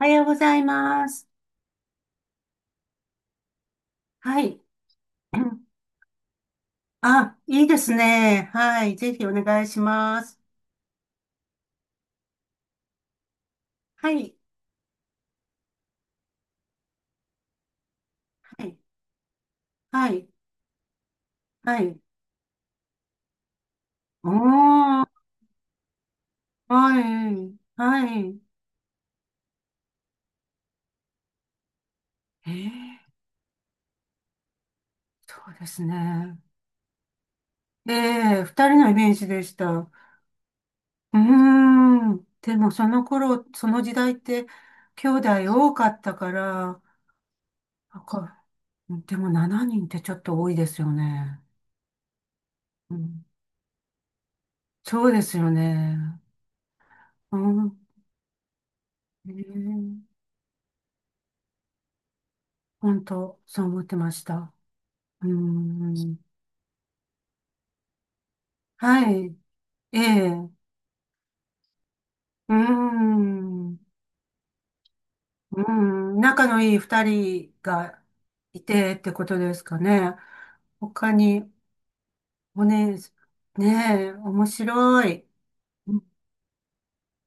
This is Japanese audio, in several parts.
おはようございます。はい。あ、いいですね。はい。ぜひお願いします。はい。はい。はい。はい。おー。はい。はい。えー、そうですね。ええ、二人のイメージでした。うーん。でも、その頃、その時代って、兄弟多かったから、なんか、でも7人ってちょっと多いですよね。うん、そうですよね。うん。ね、本当、そう思ってました。うーん。はい。ええ。うーん。うーん。仲のいい二人がいてってことですかね。他に、おね、ねえ、面白い。うん。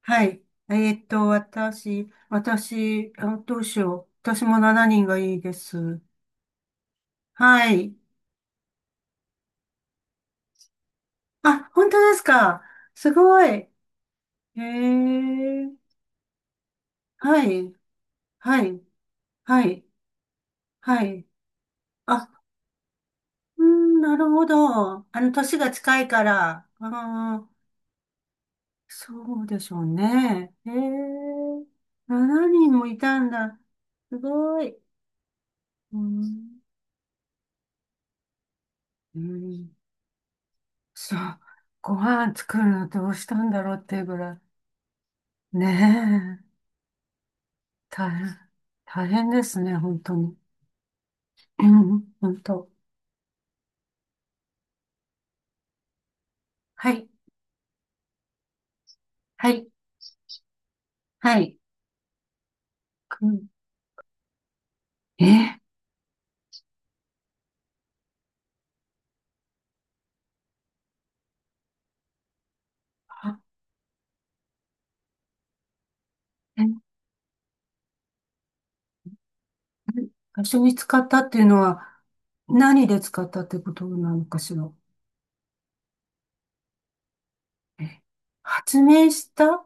はい。私、あ、どうしよう。私も7人がいいです。はい。あ、本当ですか？すごい。へえ。はい。はい。はい。はい。あ、うん、なるほど。年が近いから。ああ、そうでしょうね。へえ、7人もいたんだ。すごい。うん、うん、そう。ご飯作るのどうしたんだろうっていうぐらい。ねえ、大変、大変ですね、本当に。うん、本当。はい、はい、はい。うん。え、あ最初に使ったっていうのは、何で使ったってことなのかしら。え発明した。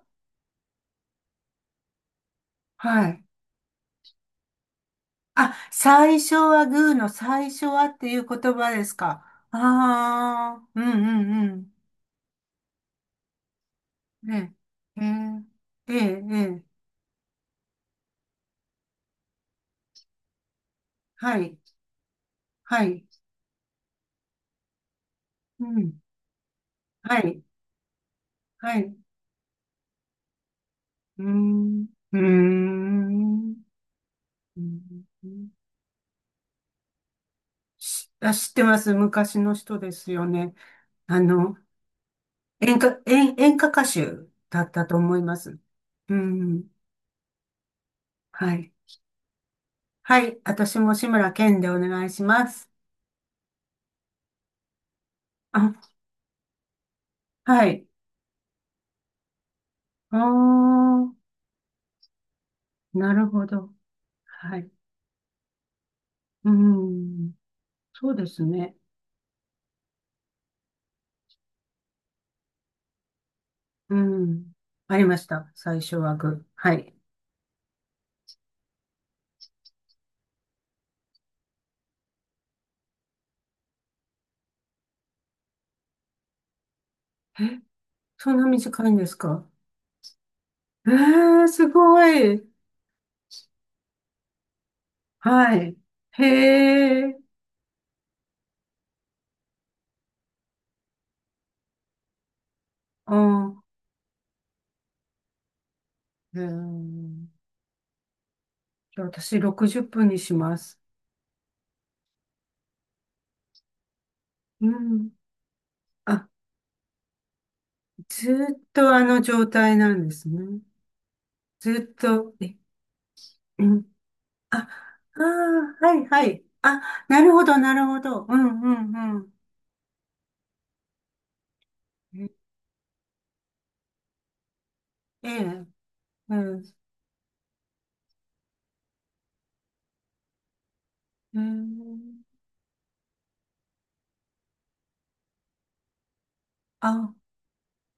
はい。あ、最初はグーの最初はっていう言葉ですか？ああ、うん、うん、うん。ねえ、ええ、ええ、ええ、はい、はい、うん、はい、はい、うーん、うーん、うーん。知ってます。昔の人ですよね。あの、演歌歌手だったと思います。うん。はい。はい。私も志村けんでお願いします。あ、はい。あー、なるほど。はい。うん。そうですね。うん。ありました。最初はグー。はい。そんな短いんですか？えー、すごい。はい。へえ。あー、えー、じゃあ私60分にします。うん。あ、ずーっとあの状態なんですね。ずーっと、え、うん。あ、ああ、はい、はい。あ、なるほど、なるほど。うん、うん、うん。ええ、ええ、ええ、あ、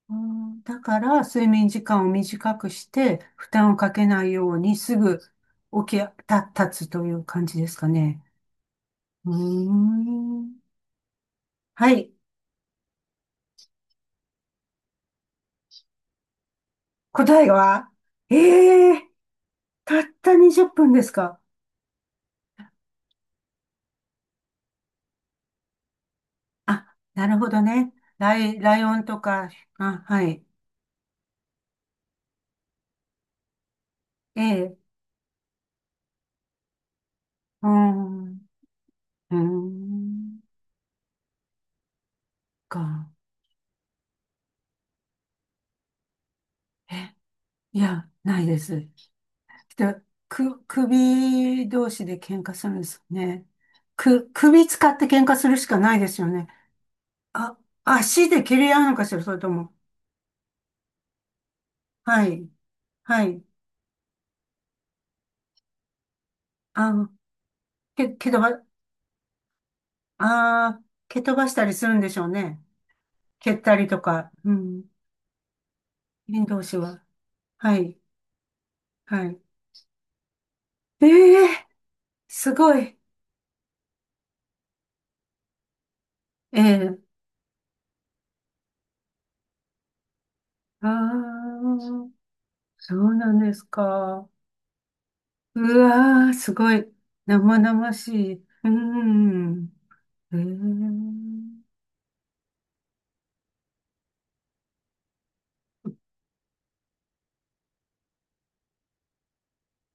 うん、だから、睡眠時間を短くして、負担をかけないように、すぐ起きた、立つという感じですかね。うーん。はい。答えは？ええ、たった20分ですか？あ、なるほどね。ライオンとか、あ、はい。ええ、うーん、うーん、か。え、いや、ないです。で、首同士で喧嘩するんですね。首使って喧嘩するしかないですよね。あ、足で蹴り合うのかしら、それとも。はい、はい。あ、け、蹴飛ば、あー、蹴飛ばしたりするんでしょうね。蹴ったりとか、うん、人同士は。はい、はい。ええ、すごい。ええ。ああ、そうなんですか？うわー、すごい。生々しい。うん。え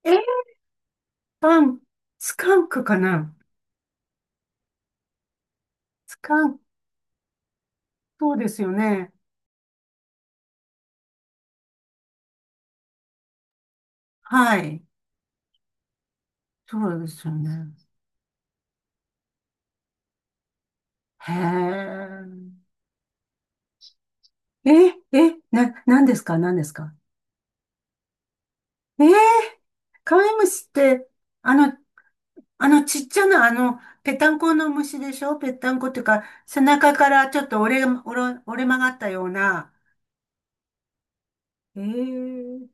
え。え、パン、スカンクかな？スカンク、そうですよね。はい。そうですよね。へえ。何ですか？何ですか？ええー、カメムシって、あの、ちっちゃな、ぺたんこの虫でしょ？ぺったんこっていうか、背中からちょっと折れ曲がったような。ええ、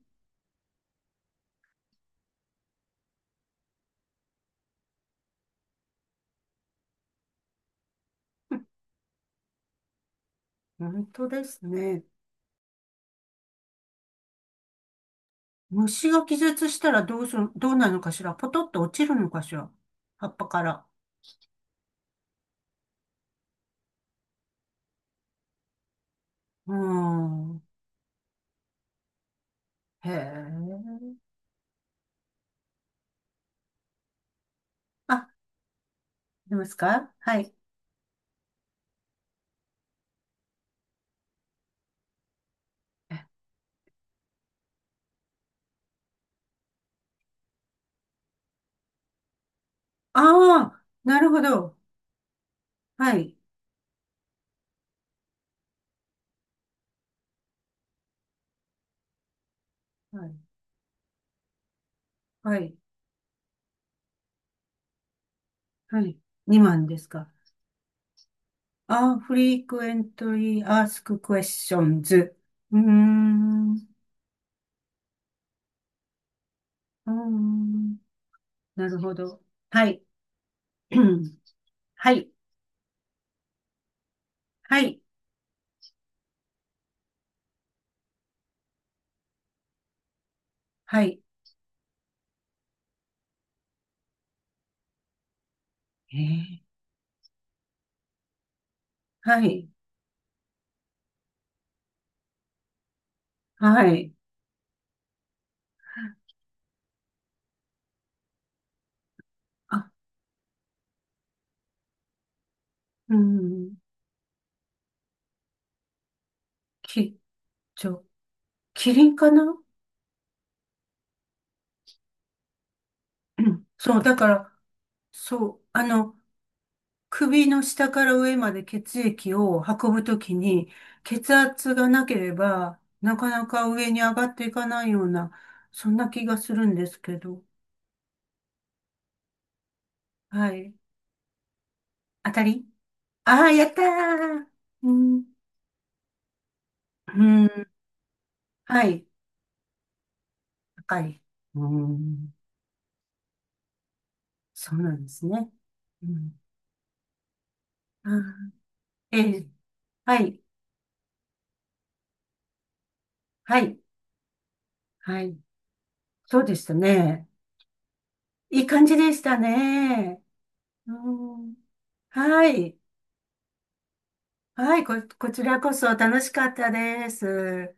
本当ですね。虫が気絶したらどうなるのかしら？ポトッと落ちるのかしら、葉っぱから。うーん。へえ。あ、いますか？はい。ああー、なるほど。はい。はい。はい。はい。2万ですか？あ、frequently asked questions。うーん、うーん、なるほど。はい。はい。はい。はい。えー、はい。はい。あ、うん。き、ちょ、キリンかな？うん。 そう、だから、そう、首の下から上まで血液を運ぶときに、血圧がなければ、なかなか上に上がっていかないような、そんな気がするんですけど。はい。当たり。ああー、やったー。うん。うん。はい。高い。うん。そうなんですね。うん。あええ。はい。はい。はい。そうでしたね。いい感じでしたね。うん。はい。はい。こちらこそ楽しかったです。